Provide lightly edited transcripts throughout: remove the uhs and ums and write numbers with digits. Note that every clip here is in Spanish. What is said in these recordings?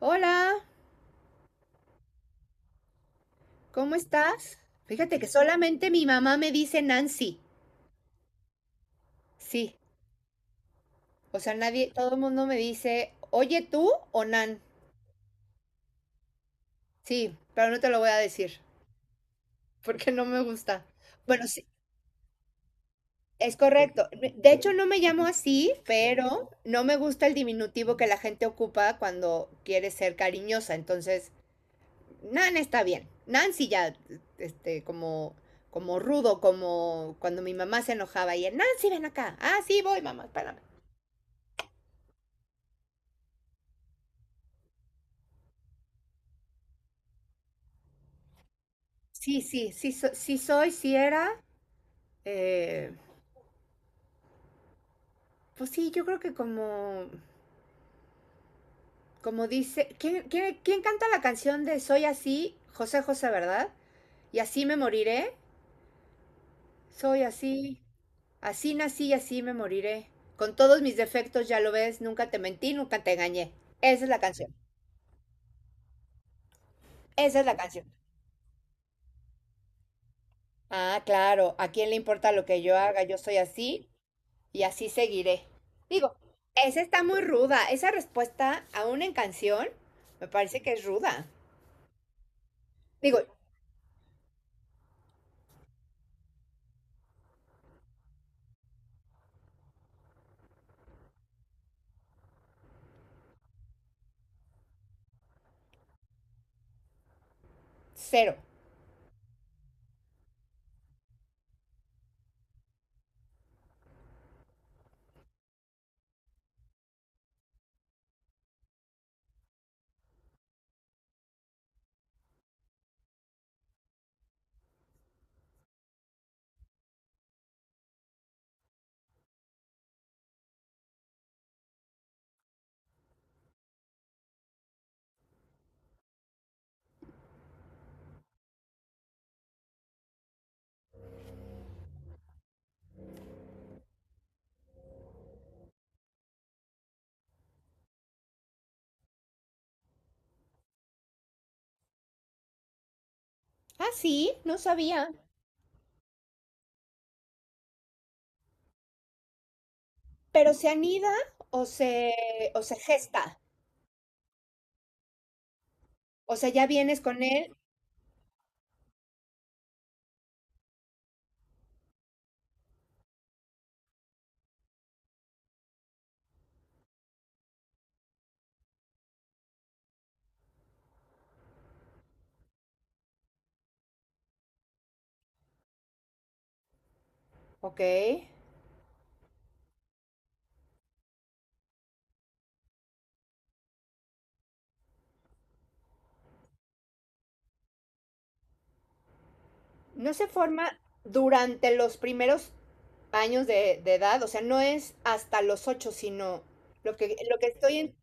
Hola, ¿cómo estás? Fíjate que solamente mi mamá me dice Nancy. Sí, o sea, nadie, todo el mundo me dice, oye tú o Nan. Sí, pero no te lo voy a decir porque no me gusta. Bueno, sí, es correcto. De hecho, no me llamo así, pero no me gusta el diminutivo que la gente ocupa cuando quiere ser cariñosa. Entonces, Nan está bien. Nancy ya, este, como como rudo, como cuando mi mamá se enojaba y Nancy, ven acá. Ah, sí, voy, mamá, espérame. Sí, sí, sí, sí soy, sí era. eh, pues sí, yo creo que como dice, ¿quién canta la canción de Soy así? José José, ¿verdad? Y así me moriré. Soy así, así nací y así me moriré. Con todos mis defectos, ya lo ves, nunca te mentí, nunca te engañé. Esa es la canción, esa es la canción. Ah, claro, ¿a quién le importa lo que yo haga? Yo soy así, y así seguiré. Digo, esa está muy ruda. Esa respuesta, aún en canción, me parece que es ruda. Digo, cero. Ah, sí, no sabía. Pero se anida o se, o se gesta. O sea, ya vienes con él. Ok. No se forma durante los primeros años de edad. O sea, no es hasta los ocho, sino lo que estoy,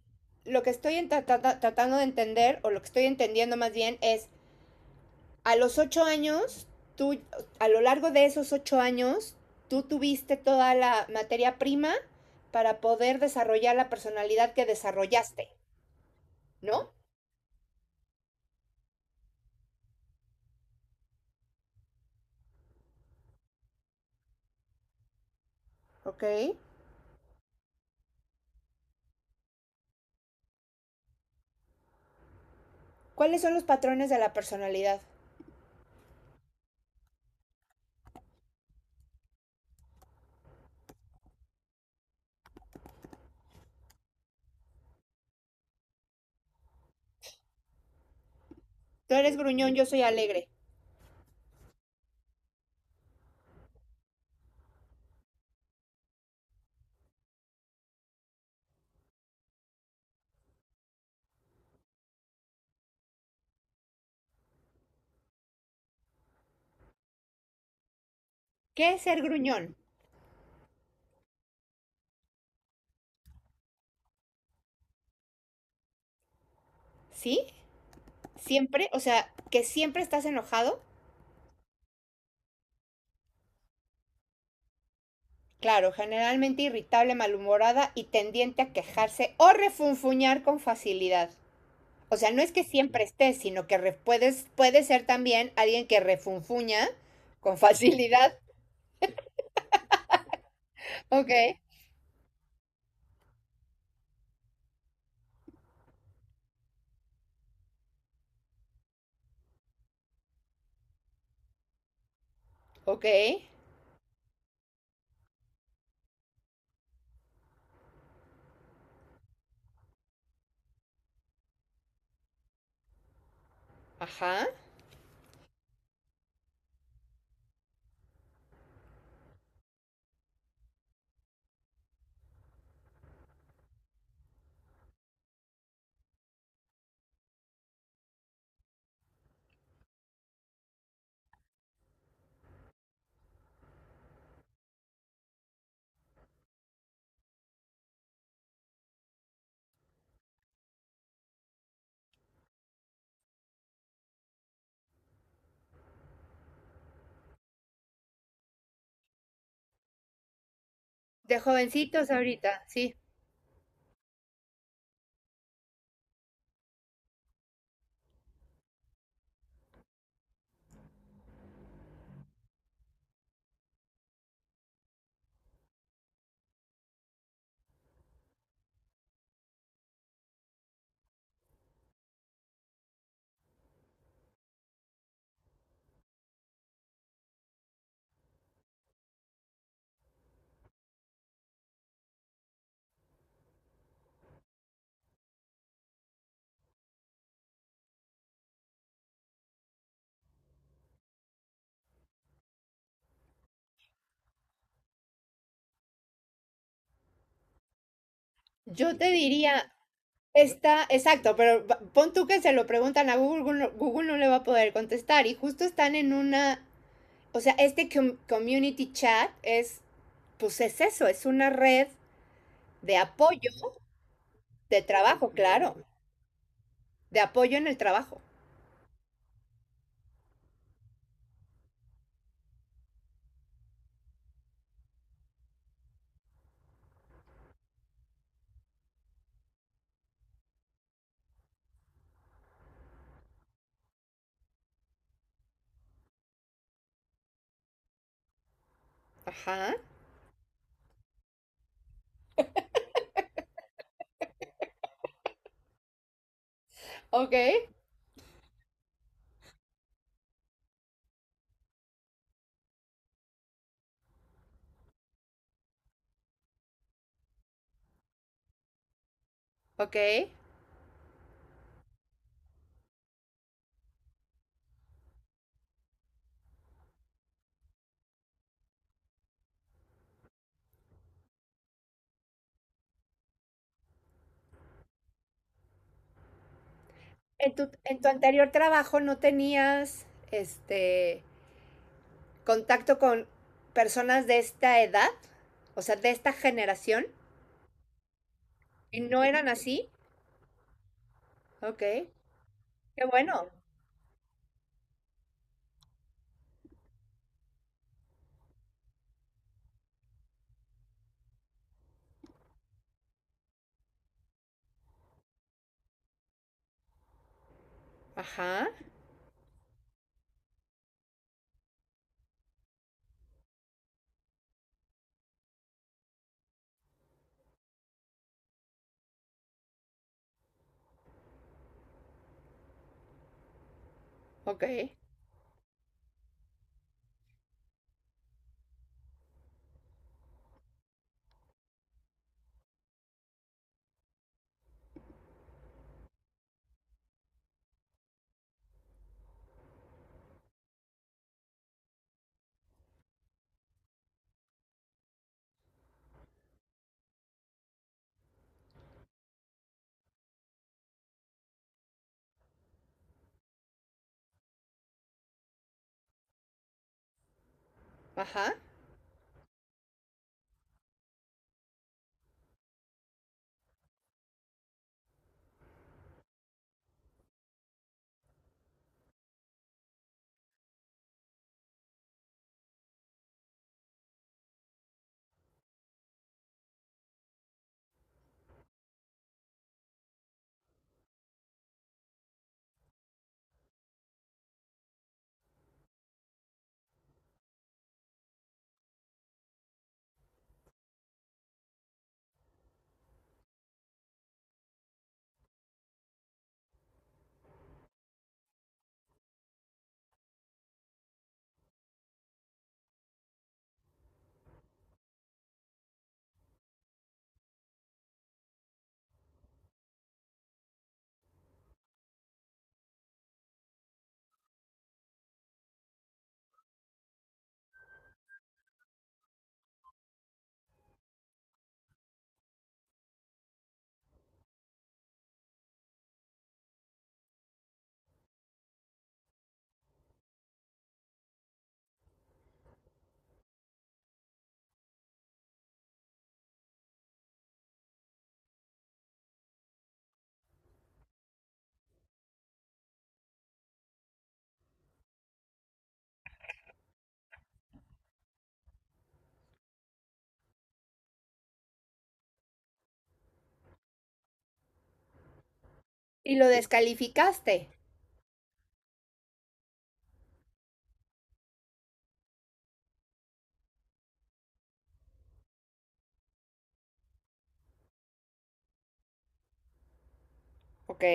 lo que estoy tratando de entender, o lo que estoy entendiendo más bien, es a los 8 años, tú, a lo largo de esos 8 años, tú tuviste toda la materia prima para poder desarrollar la personalidad que desarrollaste, ¿no? Ok. ¿Cuáles son los patrones de la personalidad? Tú eres gruñón, yo soy alegre. ¿Qué es ser gruñón? ¿Sí? ¿Siempre? O sea, que siempre estás enojado. Claro, generalmente irritable, malhumorada y tendiente a quejarse o refunfuñar con facilidad. O sea, no es que siempre estés, sino que puede ser también alguien que refunfuña con facilidad. Ok, ok, ajá. De jovencitos ahorita, sí. Yo te diría, está, exacto, pero pon tú que se lo preguntan a Google, no Google no le va a poder contestar y justo están en una, o sea, este community chat es, pues es eso, es una red de apoyo, de trabajo, claro, de apoyo en el trabajo. Ajá. Ok. Ok. En tu anterior trabajo no tenías este contacto con personas de esta edad, o sea, de esta generación, y no eran así. Ok. Qué bueno. Ajá. Ok. Ajá. Y lo descalificaste. Ok.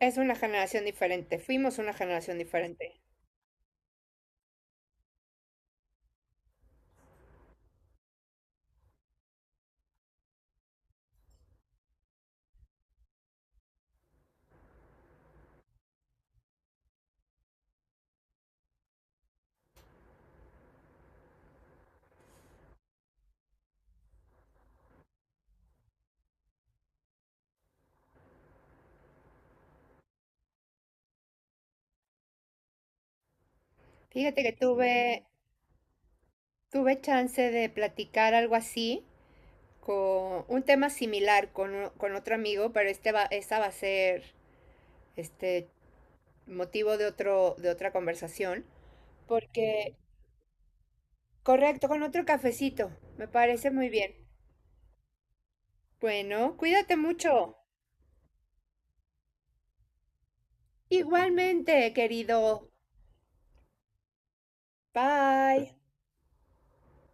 Es una generación diferente. Fuimos una generación diferente. Fíjate que tuve chance de platicar algo así con un tema similar con otro amigo, pero esta va a ser este motivo de otra conversación. Porque, correcto, con otro cafecito. Me parece muy bien. Bueno, cuídate mucho. Igualmente, querido. Bye.